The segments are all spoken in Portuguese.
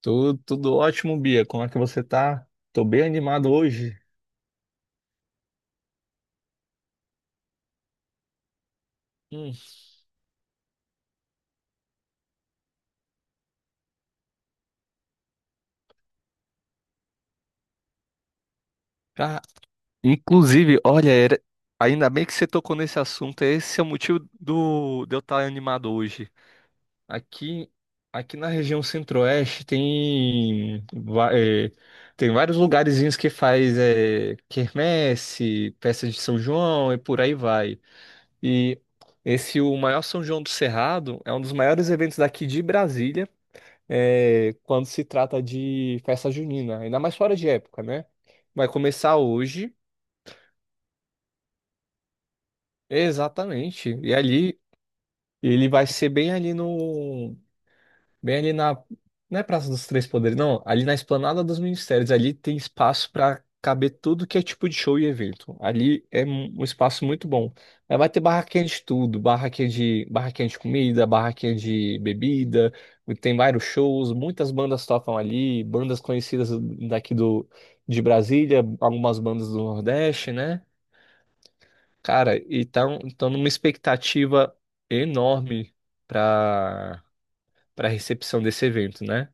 Tudo, tudo ótimo, Bia. Como é que você tá? Tô bem animado hoje. Hum. Ah, inclusive, olha, ainda bem que você tocou nesse assunto. Esse é o motivo de eu estar animado hoje. Aqui, aqui na região centro-oeste tem tem vários lugarzinhos que faz quermesse, festa de São João e por aí vai. E esse, o maior São João do Cerrado, é um dos maiores eventos daqui de Brasília. É, quando se trata de festa junina, ainda mais fora de época, né? Vai começar hoje, exatamente. E ali, ele vai ser bem ali no Bem ali na. Não é Praça dos Três Poderes, não. Ali na Esplanada dos Ministérios. Ali tem espaço para caber tudo que é tipo de show e evento. Ali é um espaço muito bom. Aí vai ter barraquinha de tudo: barraquinha de comida, barraquinha de bebida. Tem vários shows, muitas bandas tocam ali, bandas conhecidas daqui do, de Brasília, algumas bandas do Nordeste, né? Cara, e tão numa expectativa enorme para para recepção desse evento, né?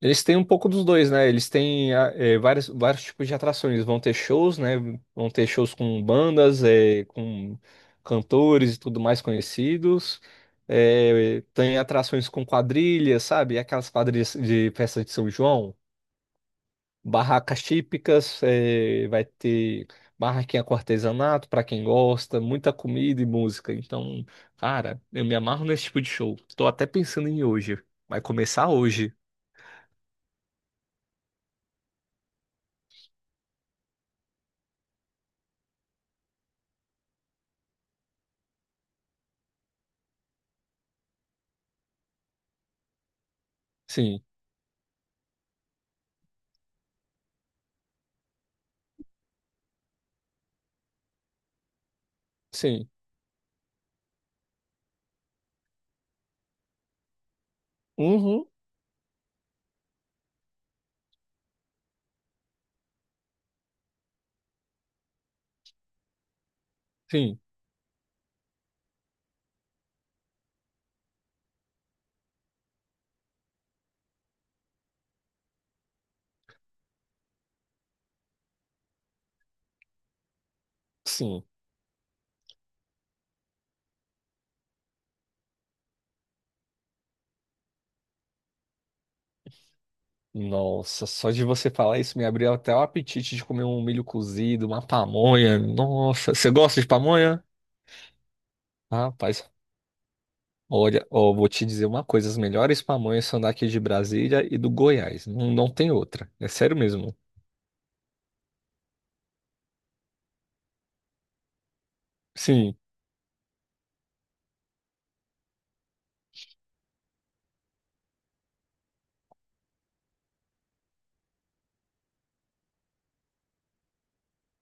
Eles têm um pouco dos dois, né? Eles têm vários tipos de atrações. Vão ter shows, né? Vão ter shows com bandas, com cantores e tudo mais conhecidos. Tem atrações com quadrilhas, sabe? Aquelas quadrilhas de festa de São João, barracas típicas, vai ter barraquinha com artesanato para quem gosta, muita comida e música. Então, cara, eu me amarro nesse tipo de show. Tô até pensando em ir hoje. Vai começar hoje. Sim, sim. Uhum, sim, sim. Nossa, só de você falar isso me abriu até o apetite de comer um milho cozido, uma pamonha. Nossa, você gosta de pamonha? Rapaz, olha, ó, vou te dizer uma coisa: as melhores pamonhas são daqui de Brasília e do Goiás. Não, não tem outra. É sério mesmo. Sim,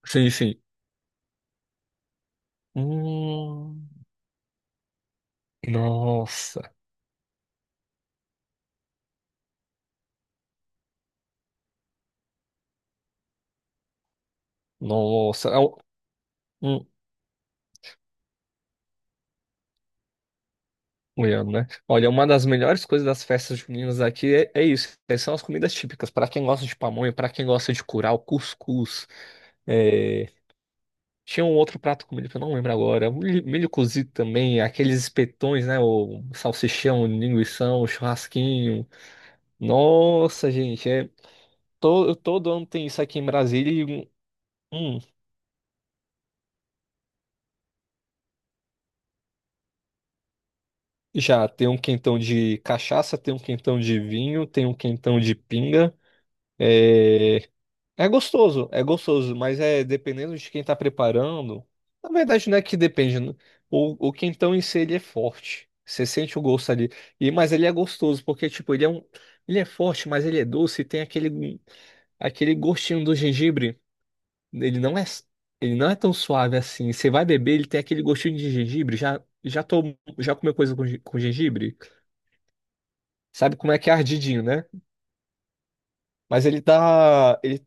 sim, sim. Hum, nossa, nossa. Hum, O Ian, né? Olha, uma das melhores coisas das festas juninas aqui é isso. São as comidas típicas. Pra quem gosta de pamonha, pra quem gosta de curau, cuscuz. é, Tinha um outro prato comido que eu não lembro agora. Milho cozido também, aqueles espetões, né? O salsichão, o linguição, churrasquinho. Nossa, gente, todo ano tem isso aqui em Brasília e hum, já tem um quentão de cachaça, tem um quentão de vinho, tem um quentão de pinga. é, é gostoso, mas é dependendo de quem tá preparando. Na verdade, não é que depende, né? O quentão em si, ele é forte. Você sente o gosto ali. E, mas ele é gostoso, porque, tipo, ele é um. Ele é forte, mas ele é doce e tem aquele gostinho do gengibre. Ele não é, ele não é tão suave assim. Você vai beber, ele tem aquele gostinho de gengibre. Já comeu coisa com, com gengibre? Sabe como é que é ardidinho, né? Mas ele tá ele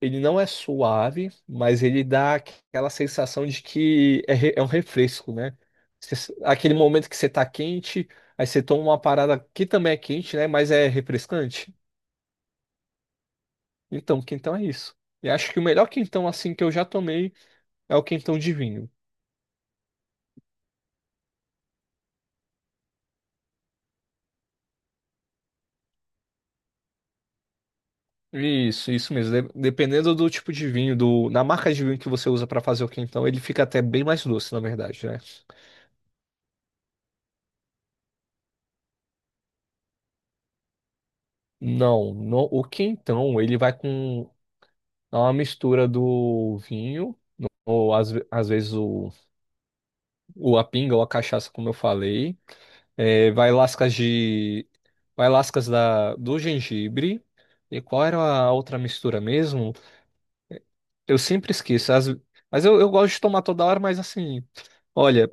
Ele não é suave, mas ele dá aquela sensação de que é um refresco, né? Aquele momento que você tá quente, aí você toma uma parada que também é quente, né? Mas é refrescante. Então, quentão é isso. E acho que o melhor quentão assim que eu já tomei é o quentão de vinho. Isso mesmo. Dependendo do tipo de vinho, na marca de vinho que você usa para fazer o quentão, ele fica até bem mais doce, na verdade, né? Não, o quentão, ele vai com é uma mistura do vinho, ou às vezes o a pinga ou a cachaça, como eu falei. É, vai lascas de. Vai lascas do gengibre. E qual era a outra mistura mesmo? Eu sempre esqueço. Eu gosto de tomar toda hora, mas assim. Olha,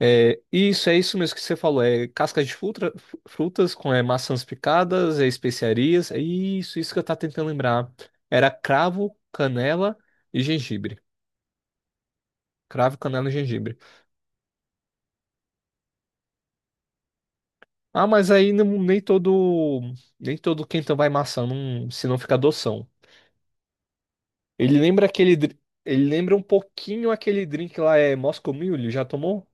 isso é isso mesmo que você falou. É cascas de fruta, frutas com maçãs picadas, é especiarias. Isso que eu tava tentando lembrar. Era cravo, canela e gengibre. Cravo, canela e gengibre. Ah, mas aí não- nem todo quentão vai maçã, não, se não fica adoção. Ele lembra aquele dri- ele lembra um pouquinho aquele drink lá Moscow Mule, já tomou?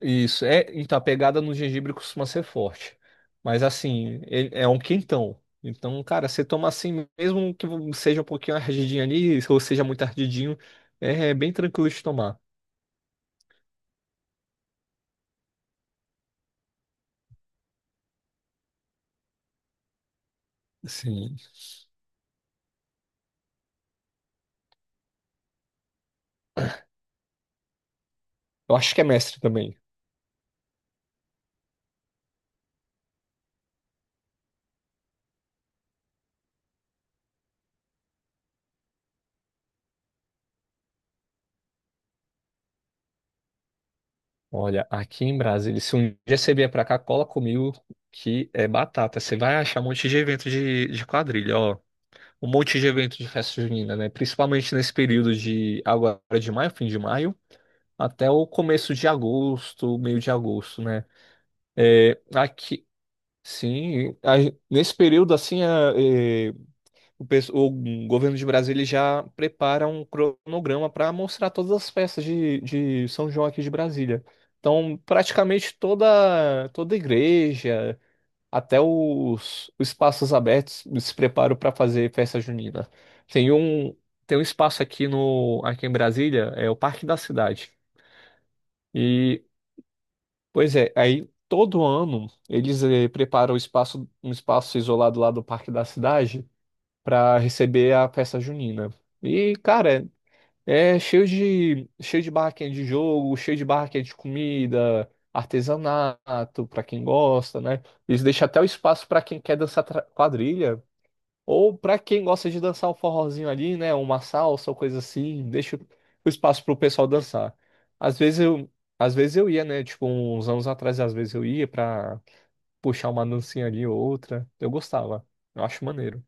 Isso, é, então a pegada no gengibre costuma ser forte. Mas assim, é um quentão. Então, cara, você toma assim, mesmo que seja um pouquinho ardidinho ali, ou seja muito ardidinho, é bem tranquilo de tomar. Assim, eu acho que é mestre também. Olha, aqui em Brasília, se um dia você vier pra cá, cola comigo que é batata. Você vai achar um monte de evento de quadrilha, ó. Um monte de evento de festa junina, né? Principalmente nesse período de agora de maio, fim de maio, até o começo de agosto, meio de agosto, né? É, aqui, sim, a- nesse período assim, é, o governo de Brasília já prepara um cronograma para mostrar todas as festas de São João aqui de Brasília. Então, praticamente toda igreja, até os espaços abertos se preparam para fazer festa junina. Tem um tem um espaço aqui no aqui em Brasília, é o Parque da Cidade. E pois é, aí todo ano eles preparam o espaço um espaço isolado lá do Parque da Cidade para receber a festa junina. E, cara, é cheio de barraquinha de jogo, cheio de barraquinha de comida, artesanato para quem gosta, né? Eles deixam até o espaço para quem quer dançar quadrilha ou para quem gosta de dançar o forrozinho ali, né? Uma salsa ou coisa assim, deixa o espaço pro pessoal dançar. Às vezes eu Às vezes eu ia, né? Tipo, uns anos atrás, às vezes eu ia pra puxar uma dancinha ali ou outra. Eu gostava. Eu acho maneiro.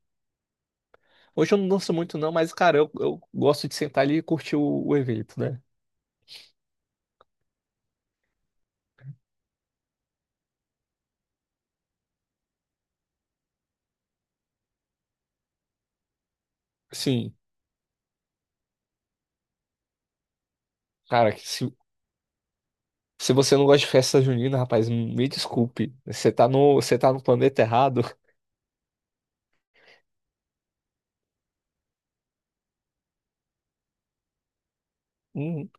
Hoje eu não danço muito não, mas, cara, eu gosto de sentar ali e curtir o evento, né? Sim, cara, que se você não gosta de festa junina, rapaz, me desculpe. Você tá você tá no planeta errado. Uhum,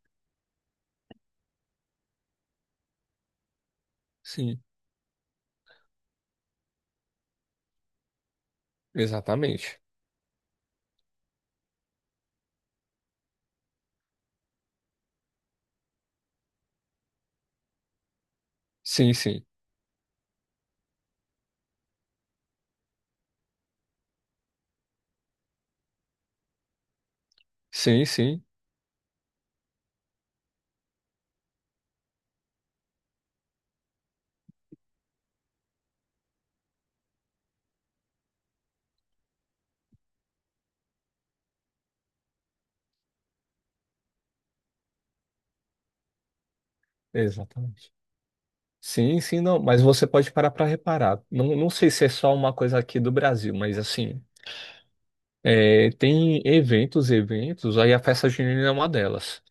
sim, exatamente. Sim, sim. Sim, sim, exatamente. Sim, sim, não, mas você pode parar para reparar. Não, não sei se é só uma coisa aqui do Brasil, mas assim, é, tem eventos, aí a festa junina é uma delas.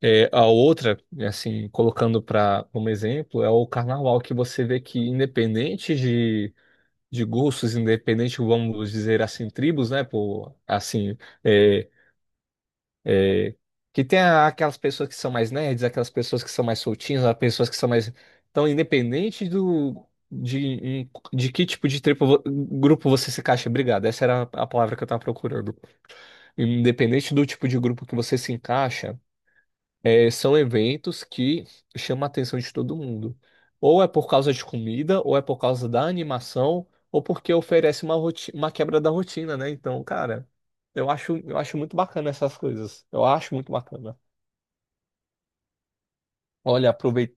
É, a outra, assim, colocando para como exemplo, é o carnaval, que você vê que, independente de gostos, independente, vamos dizer assim, tribos, né? Por, assim, é, é, que aquelas pessoas que são mais nerds, aquelas pessoas que são mais soltinhas, as pessoas que são mais. Então, independente do. De que tipo de tribo, grupo você se encaixa? Obrigado, essa era a palavra que eu estava procurando. Independente do tipo de grupo que você se encaixa. É, são eventos que chamam a atenção de todo mundo. Ou é por causa de comida, ou é por causa da animação, ou porque oferece uma, uma quebra da rotina, né? Então, cara, eu acho muito bacana essas coisas. Eu acho muito bacana. Olha, aproveita.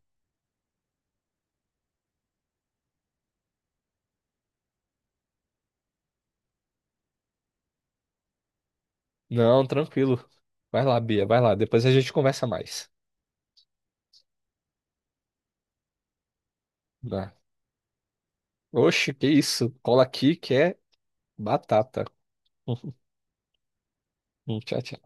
Não, tranquilo. Vai lá, Bia, vai lá. Depois a gente conversa mais. Né? Oxe, que isso? Cola aqui que é batata. Tchau, tchau.